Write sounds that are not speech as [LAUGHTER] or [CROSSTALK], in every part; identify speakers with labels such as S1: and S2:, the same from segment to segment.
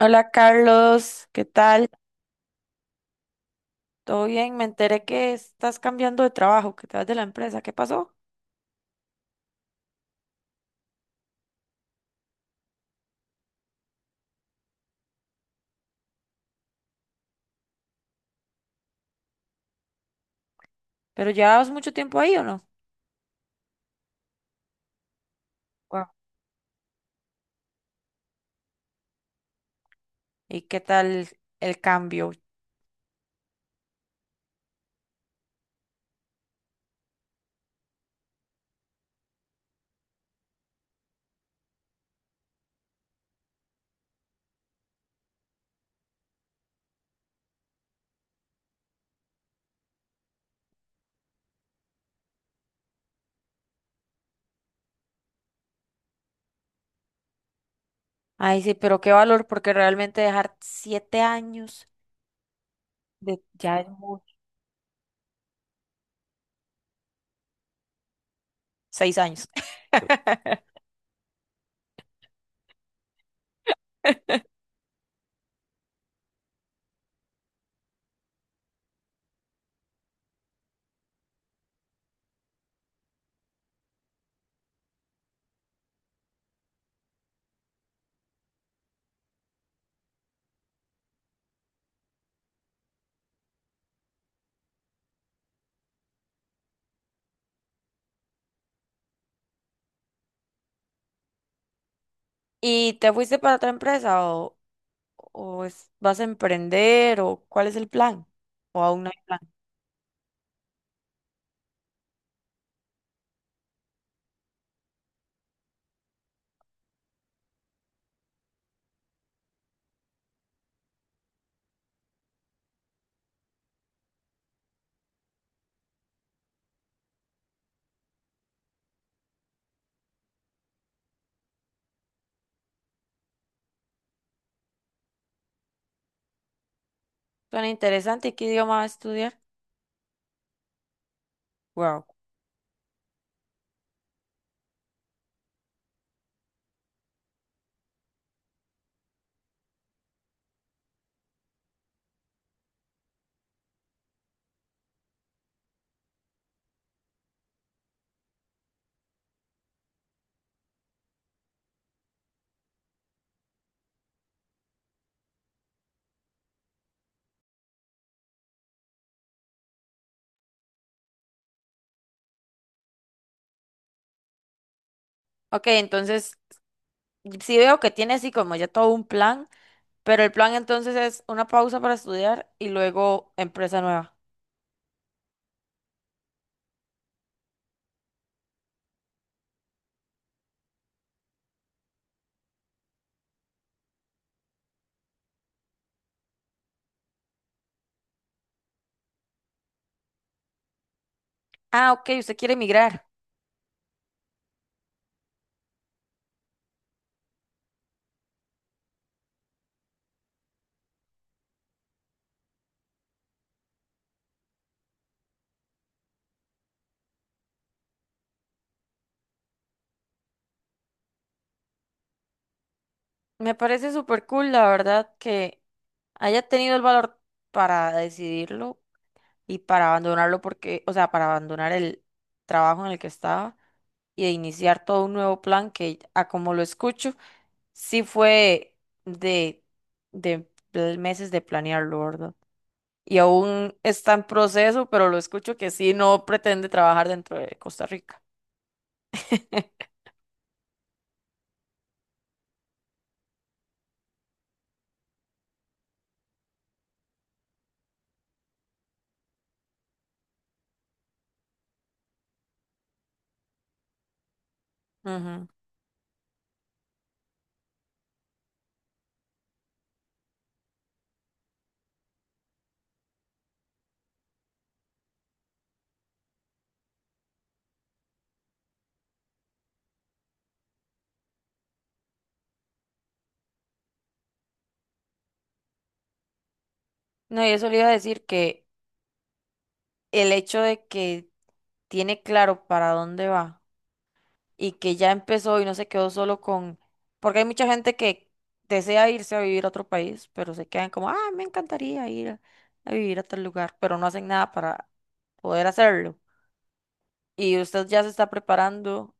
S1: Hola Carlos, ¿qué tal? ¿Todo bien? Me enteré que estás cambiando de trabajo, que te vas de la empresa. ¿Qué pasó? ¿Pero llevabas mucho tiempo ahí o no? Guau. ¿Y qué tal el cambio? Ay, sí, pero qué valor, porque realmente dejar 7 años de... Ya es mucho. 6 años. [LAUGHS] ¿Y te fuiste para otra empresa o, vas a emprender o cuál es el plan? ¿O aún no hay plan? Suena interesante. ¿Y qué idioma vas a estudiar? Wow. Ok, entonces sí veo que tiene así como ya todo un plan, pero el plan entonces es una pausa para estudiar y luego empresa nueva. Ah, ok, usted quiere emigrar. Me parece súper cool, la verdad, que haya tenido el valor para decidirlo y para abandonarlo porque, o sea, para abandonar el trabajo en el que estaba y de iniciar todo un nuevo plan que, a como lo escucho, sí fue de, meses de planearlo, ¿verdad? Y aún está en proceso, pero lo escucho que sí no pretende trabajar dentro de Costa Rica. [LAUGHS] Ujú. No, y eso le iba a decir que el hecho de que tiene claro para dónde va y que ya empezó y no se quedó solo con, porque hay mucha gente que desea irse a vivir a otro país, pero se quedan como, ah, me encantaría ir a vivir a tal lugar, pero no hacen nada para poder hacerlo. Y usted ya se está preparando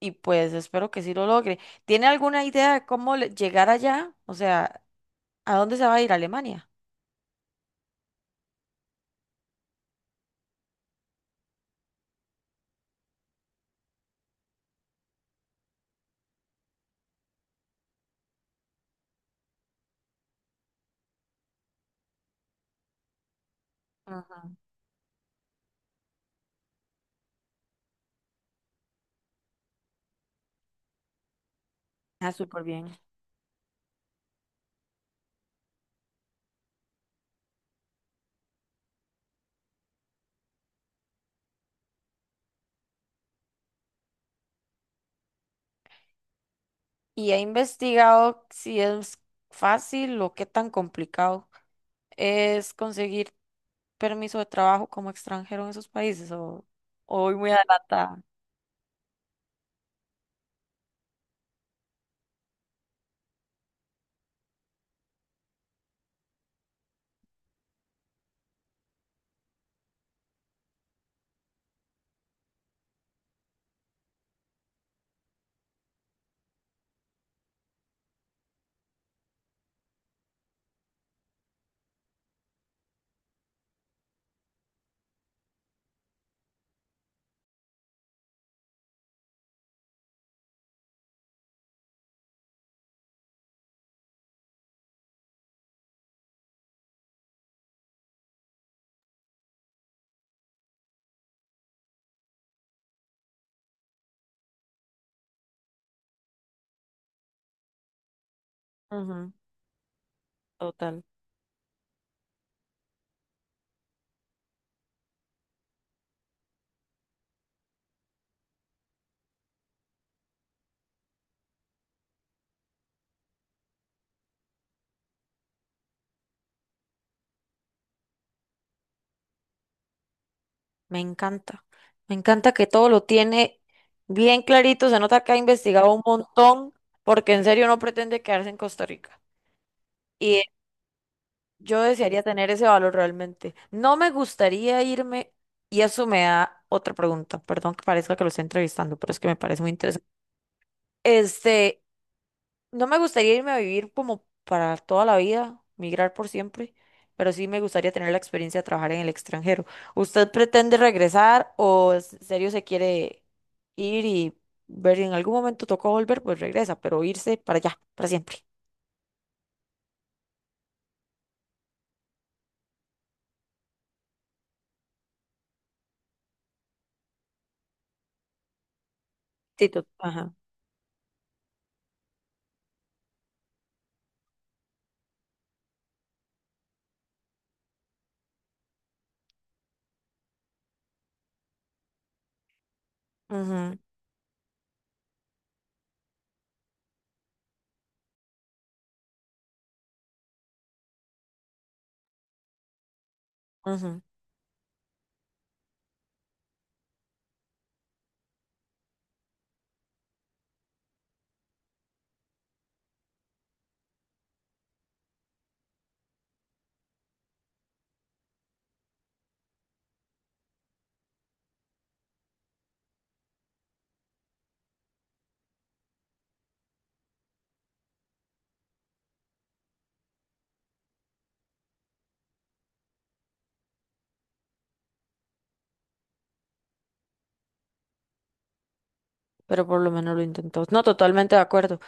S1: y pues espero que sí lo logre. ¿Tiene alguna idea de llegar allá? O sea, ¿a dónde se va a ir? ¿A Alemania? Ajá. Ah, súper bien. Y he investigado si es fácil o qué tan complicado es conseguir permiso de trabajo como extranjero en esos países o voy muy adelantada. Ujú, total. Me encanta. Me encanta que todo lo tiene bien clarito. Se nota que ha investigado un montón porque en serio no pretende quedarse en Costa Rica. Yo desearía tener ese valor realmente. No me gustaría irme, y eso me da otra pregunta. Perdón que parezca que lo esté entrevistando, pero es que me parece muy interesante. Este, no me gustaría irme a vivir como para toda la vida, migrar por siempre, pero sí me gustaría tener la experiencia de trabajar en el extranjero. ¿Usted pretende regresar o en serio se quiere ir y ver si en algún momento tocó volver, pues regresa, pero irse para allá, para siempre? Ajá. Ujú, ujú. Pero por lo menos lo intentó. No, totalmente de acuerdo.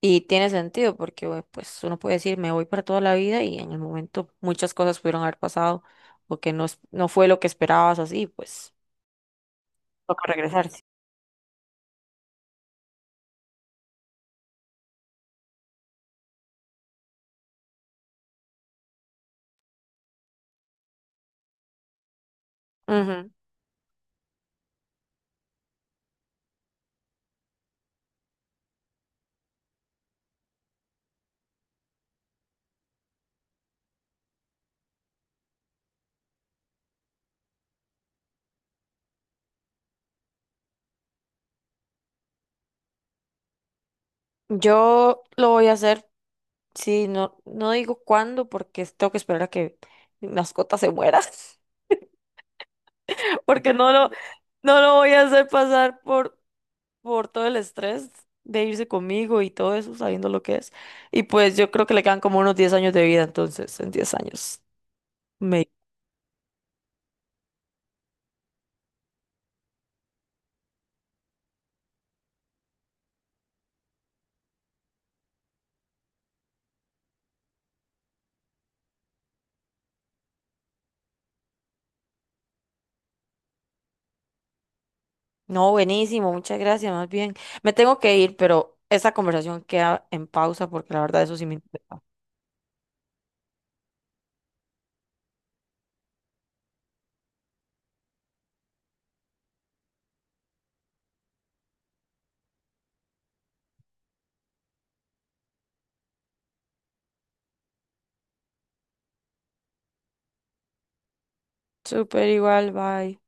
S1: Y tiene sentido porque bueno, pues uno puede decir, me voy para toda la vida y en el momento muchas cosas pudieron haber pasado o que no, no fue lo que esperabas así, pues toca regresarse. Ujú. Yo lo voy a hacer, sí, no, no digo cuándo porque tengo que esperar a que mi mascota se muera, [LAUGHS] porque no lo voy a hacer pasar por todo el estrés de irse conmigo y todo eso, sabiendo lo que es. Y pues yo creo que le quedan como unos 10 años de vida, entonces, en 10 años. Me... No, buenísimo, muchas gracias, más bien. Me tengo que ir, pero esta conversación queda en pausa porque la verdad eso sí me interesa. Súper igual, bye.